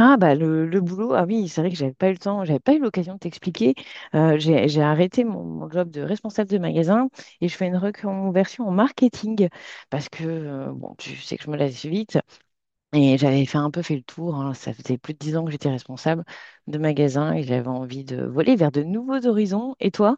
Ah bah le boulot, ah oui, c'est vrai que j'avais pas eu le temps, j'avais pas eu l'occasion de t'expliquer. J'ai arrêté mon job de responsable de magasin et je fais une reconversion en marketing parce que bon, tu sais que je me lasse vite et j'avais fait un peu fait le tour, hein. Ça faisait plus de 10 ans que j'étais responsable de magasin et j'avais envie de voler vers de nouveaux horizons. Et toi?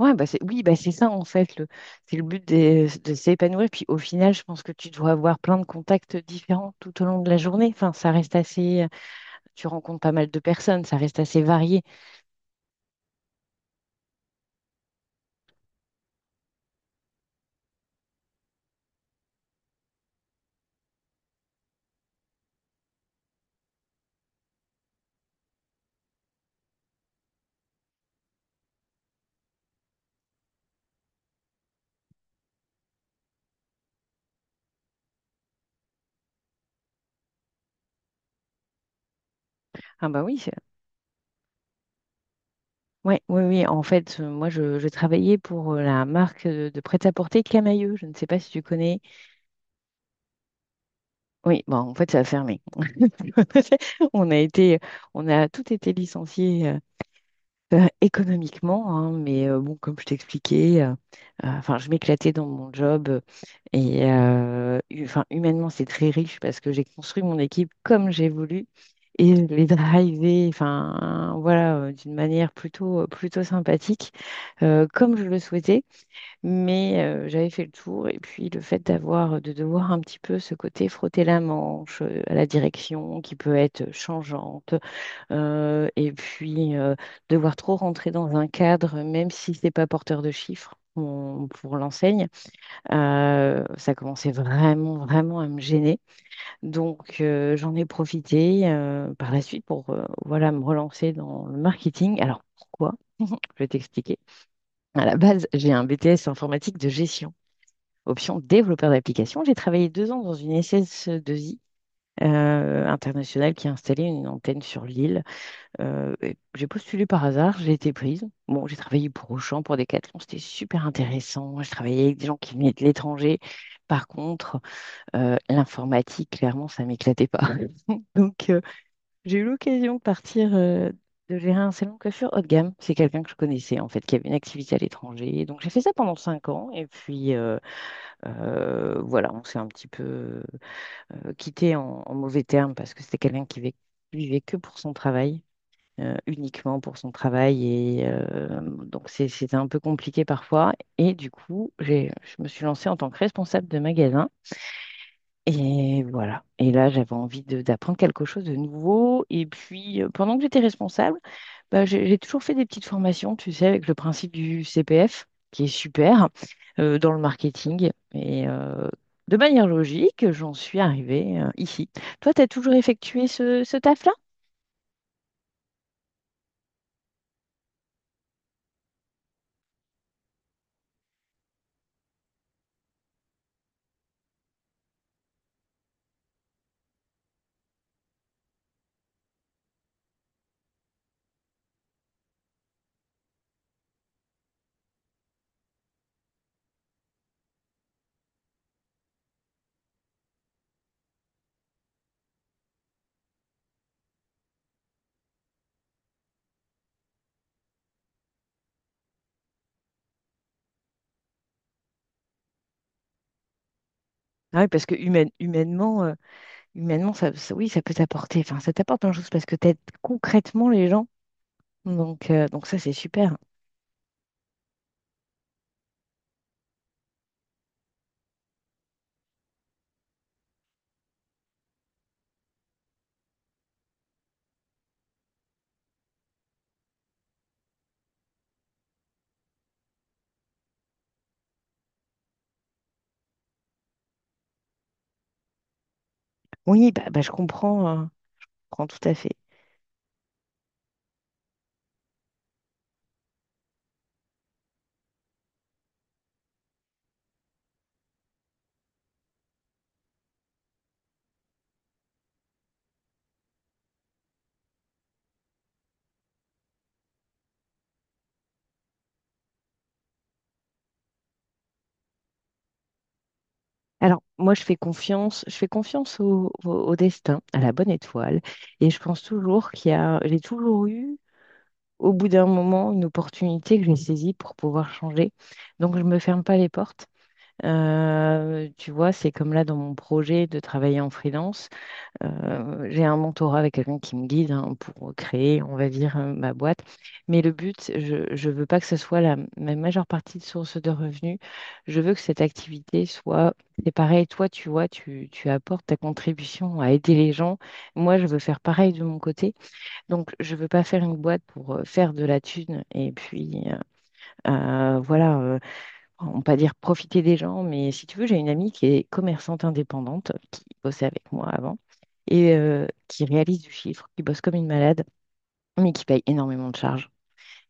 Ouais, oui, bah c'est ça en fait, c'est le but de s'épanouir. Puis au final, je pense que tu dois avoir plein de contacts différents tout au long de la journée. Enfin, ça reste assez. Tu rencontres pas mal de personnes, ça reste assez varié. Ah bah oui, ouais, oui. En fait, moi, je travaillais pour la marque de prêt-à-porter Camailleux. Je ne sais pas si tu connais. Oui, bon, en fait, ça a fermé. On a on a tout été licencié. Euh, Économiquement, hein, mais bon, comme je t'expliquais, enfin, je m'éclatais dans mon job et enfin, humainement, c'est très riche parce que j'ai construit mon équipe comme j'ai voulu et je l'ai drivée, enfin, voilà, d'une manière plutôt sympathique, comme je le souhaitais, mais j'avais fait le tour et puis le fait d'avoir, de devoir un petit peu ce côté frotter la manche à la direction qui peut être changeante euh, et puis, euh, devoir trop rentrer dans un cadre, même si ce n'est pas porteur de chiffres pour l'enseigne, ça commençait vraiment, vraiment à me gêner. Donc, j'en ai profité par la suite pour voilà, me relancer dans le marketing. Alors, pourquoi? Je vais t'expliquer. À la base, j'ai un BTS informatique de gestion, option développeur d'application. J'ai travaillé 2 ans dans une SS2I internationale qui a installé une antenne sur l'île. Et j'ai postulé par hasard, j'ai été prise. Bon, j'ai travaillé pour Auchan, pour Decathlon, c'était super intéressant. Je travaillais avec des gens qui venaient de l'étranger. Par contre, l'informatique, clairement, ça m'éclatait pas. Donc, j'ai eu l'occasion de partir, de gérer un salon de coiffure haut de gamme. C'est quelqu'un que je connaissais, en fait, qui avait une activité à l'étranger. Donc, j'ai fait ça pendant 5 ans. Et puis, voilà, on s'est un petit peu quitté en mauvais termes parce que c'était quelqu'un qui vivait que pour son travail, uniquement pour son travail. Et donc, c'était un peu compliqué parfois. Et du coup, je me suis lancée en tant que responsable de magasin. Et voilà. Et là, j'avais envie d'apprendre quelque chose de nouveau. Et puis, pendant que j'étais responsable, bah, j'ai toujours fait des petites formations, tu sais, avec le principe du CPF, qui est super, dans le marketing. Et de manière logique, j'en suis arrivée ici. Toi, tu as toujours effectué ce taf-là? Ah oui, parce que humainement, humainement ça, oui, ça peut t'apporter, enfin, ça t'apporte plein de choses parce que tu aides concrètement les gens. Donc ça, c'est super. Oui, je comprends tout à fait. Alors, moi, je fais confiance au destin, à la bonne étoile, et je pense toujours qu'il y a, j'ai toujours eu, au bout d'un moment, une opportunité que j'ai saisie pour pouvoir changer. Donc, je ne me ferme pas les portes. Tu vois, c'est comme là dans mon projet de travailler en freelance. J'ai un mentorat avec quelqu'un qui me guide hein, pour créer, on va dire, ma boîte. Mais le but, je ne veux pas que ce soit ma majeure partie de source de revenus. Je veux que cette activité soit, c'est pareil, toi, tu vois, tu apportes ta contribution à aider les gens. Moi, je veux faire pareil de mon côté. Donc, je ne veux pas faire une boîte pour faire de la thune et puis, voilà, enfin, on pas dire profiter des gens, mais si tu veux, j'ai une amie qui est commerçante indépendante, qui bossait avec moi avant, et qui réalise du chiffre, qui bosse comme une malade, mais qui paye énormément de charges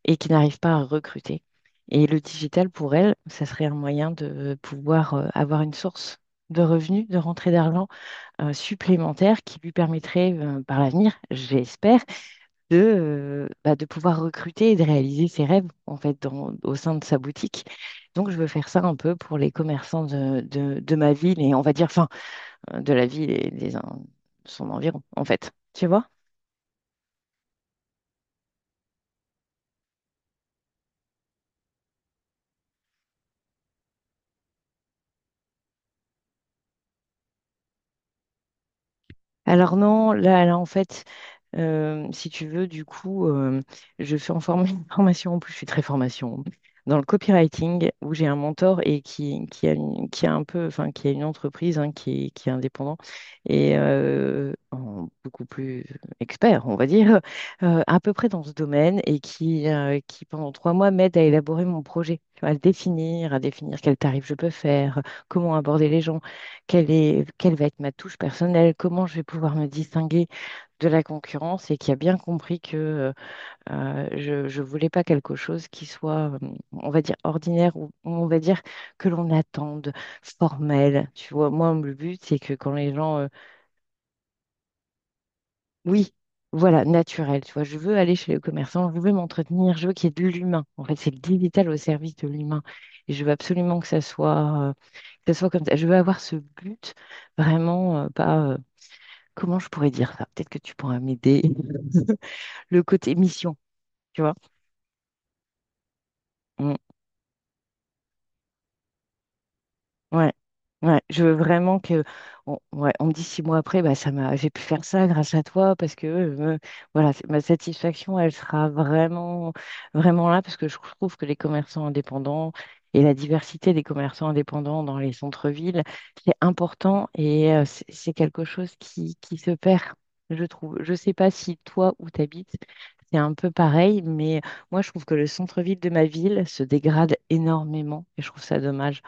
et qui n'arrive pas à recruter. Et le digital, pour elle, ça serait un moyen de pouvoir avoir une source de revenus, de rentrée d'argent supplémentaire qui lui permettrait par l'avenir, j'espère, de, bah, de pouvoir recruter et de réaliser ses rêves en fait au sein de sa boutique. Donc je veux faire ça un peu pour les commerçants de ma ville et on va dire, enfin, de la ville et son environ en fait. Tu vois? Alors non, là en fait, si tu veux, du coup, je fais une formation, en plus je suis très formation, dans le copywriting, où j'ai un mentor et qui a, qui a un peu, enfin, qui a une entreprise hein, qui est indépendant et beaucoup plus expert, on va dire, à peu près dans ce domaine et qui pendant 3 mois m'aide à élaborer mon projet, tu vois, à le définir, à définir quel tarif je peux faire, comment aborder les gens, quelle va être ma touche personnelle, comment je vais pouvoir me distinguer de la concurrence et qui a bien compris que je voulais pas quelque chose qui soit, on va dire, ordinaire ou on va dire que l'on attende, formel. Tu vois, moi, le but, c'est que quand les gens, oui, voilà, naturel, tu vois, je veux aller chez les commerçants, je veux m'entretenir, je veux qu'il y ait de l'humain. En fait, c'est le digital au service de l'humain. Et je veux absolument que ça soit comme ça. Je veux avoir ce but vraiment, pas, comment je pourrais dire ça? Peut-être que tu pourras m'aider. Le côté mission, tu vois. On, Ouais, ouais, je veux vraiment que, ouais, on me dit 6 mois après, bah ça m'a, j'ai pu faire ça grâce à toi parce que, voilà, ma satisfaction, elle sera vraiment là parce que je trouve que les commerçants indépendants et la diversité des commerçants indépendants dans les centres-villes, c'est important et c'est quelque chose qui se perd, je trouve. Je sais pas si toi où t'habites, c'est un peu pareil, mais moi je trouve que le centre-ville de ma ville se dégrade énormément et je trouve ça dommage.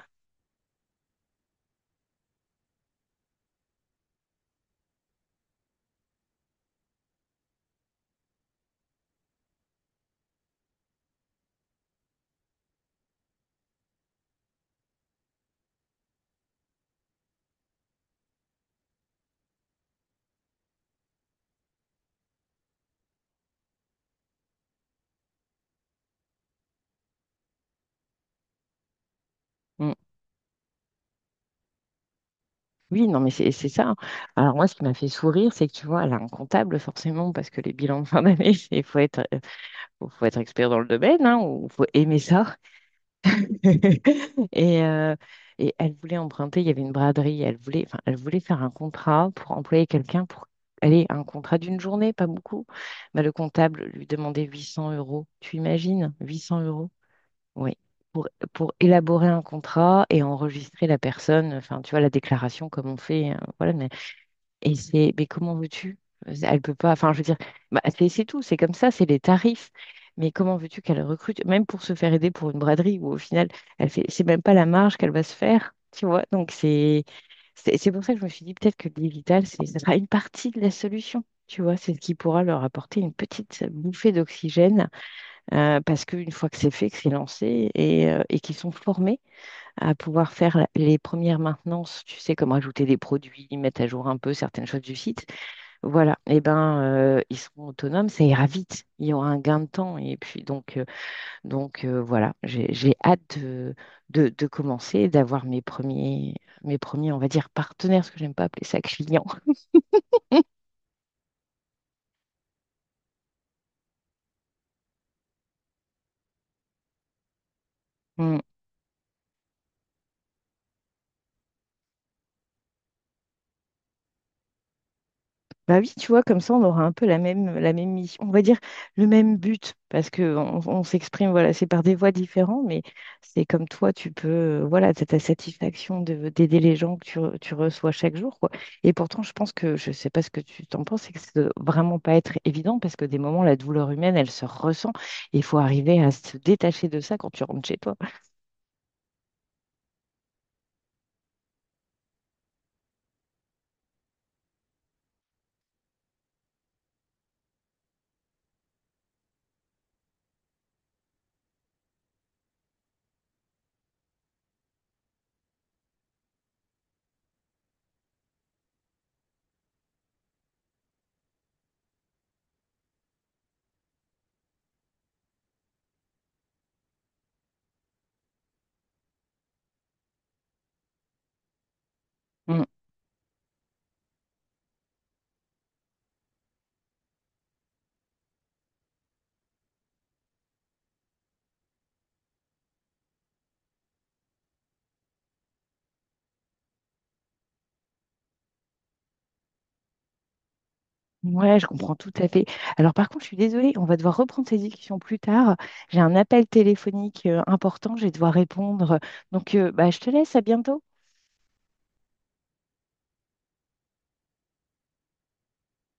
Mm. Oui, non, mais c'est ça, hein. Alors moi, ce qui m'a fait sourire, c'est que tu vois, elle a un comptable forcément, parce que les bilans de fin d'année, faut être expert dans le domaine, hein, ou faut aimer ça. Et, euh, et elle voulait emprunter, il y avait une braderie, enfin, elle voulait faire un contrat pour employer quelqu'un pour aller, un contrat d'une journée, pas beaucoup. Bah, le comptable lui demandait 800 euros. Tu imagines, 800 euros? Oui. Pour, pour élaborer un contrat et enregistrer la personne, enfin, tu vois, la déclaration comme on fait, voilà, et c'est, mais comment veux-tu? Elle peut pas, enfin, je veux dire, bah, c'est tout, c'est comme ça, c'est les tarifs. Mais comment veux-tu qu'elle recrute, même pour se faire aider pour une braderie, où au final, elle fait, c'est même pas la marge qu'elle va se faire, tu vois? Donc, c'est pour ça que je me suis dit, peut-être que le digital, ça sera une partie de la solution, tu vois? C'est ce qui pourra leur apporter une petite bouffée d'oxygène, parce qu'une fois que c'est fait, que c'est lancé, et qu'ils sont formés à pouvoir faire les premières maintenances, tu sais, comme rajouter des produits, mettre à jour un peu certaines choses du site, voilà, eh ben, ils seront autonomes, ça ira vite, il y aura un gain de temps. Et puis donc, voilà, j'ai hâte de commencer, d'avoir mes premiers, on va dire, partenaires, parce que j'aime pas appeler ça clients. Bah oui, tu vois, comme ça, on aura un peu la même mission, on va dire le même but, parce que on s'exprime, voilà, c'est par des voies différentes, mais c'est comme toi, tu peux, voilà, t'as ta satisfaction de, d'aider les gens que tu reçois chaque jour, quoi. Et pourtant, je pense que, je sais pas ce que tu t'en penses, c'est que ça doit vraiment pas être évident, parce que des moments, la douleur humaine, elle se ressent, et il faut arriver à se détacher de ça quand tu rentres chez toi. Ouais, je comprends tout à fait. Alors par contre, je suis désolée, on va devoir reprendre ces discussions plus tard. J'ai un appel téléphonique important, je vais devoir répondre. Donc, bah, je te laisse, à bientôt.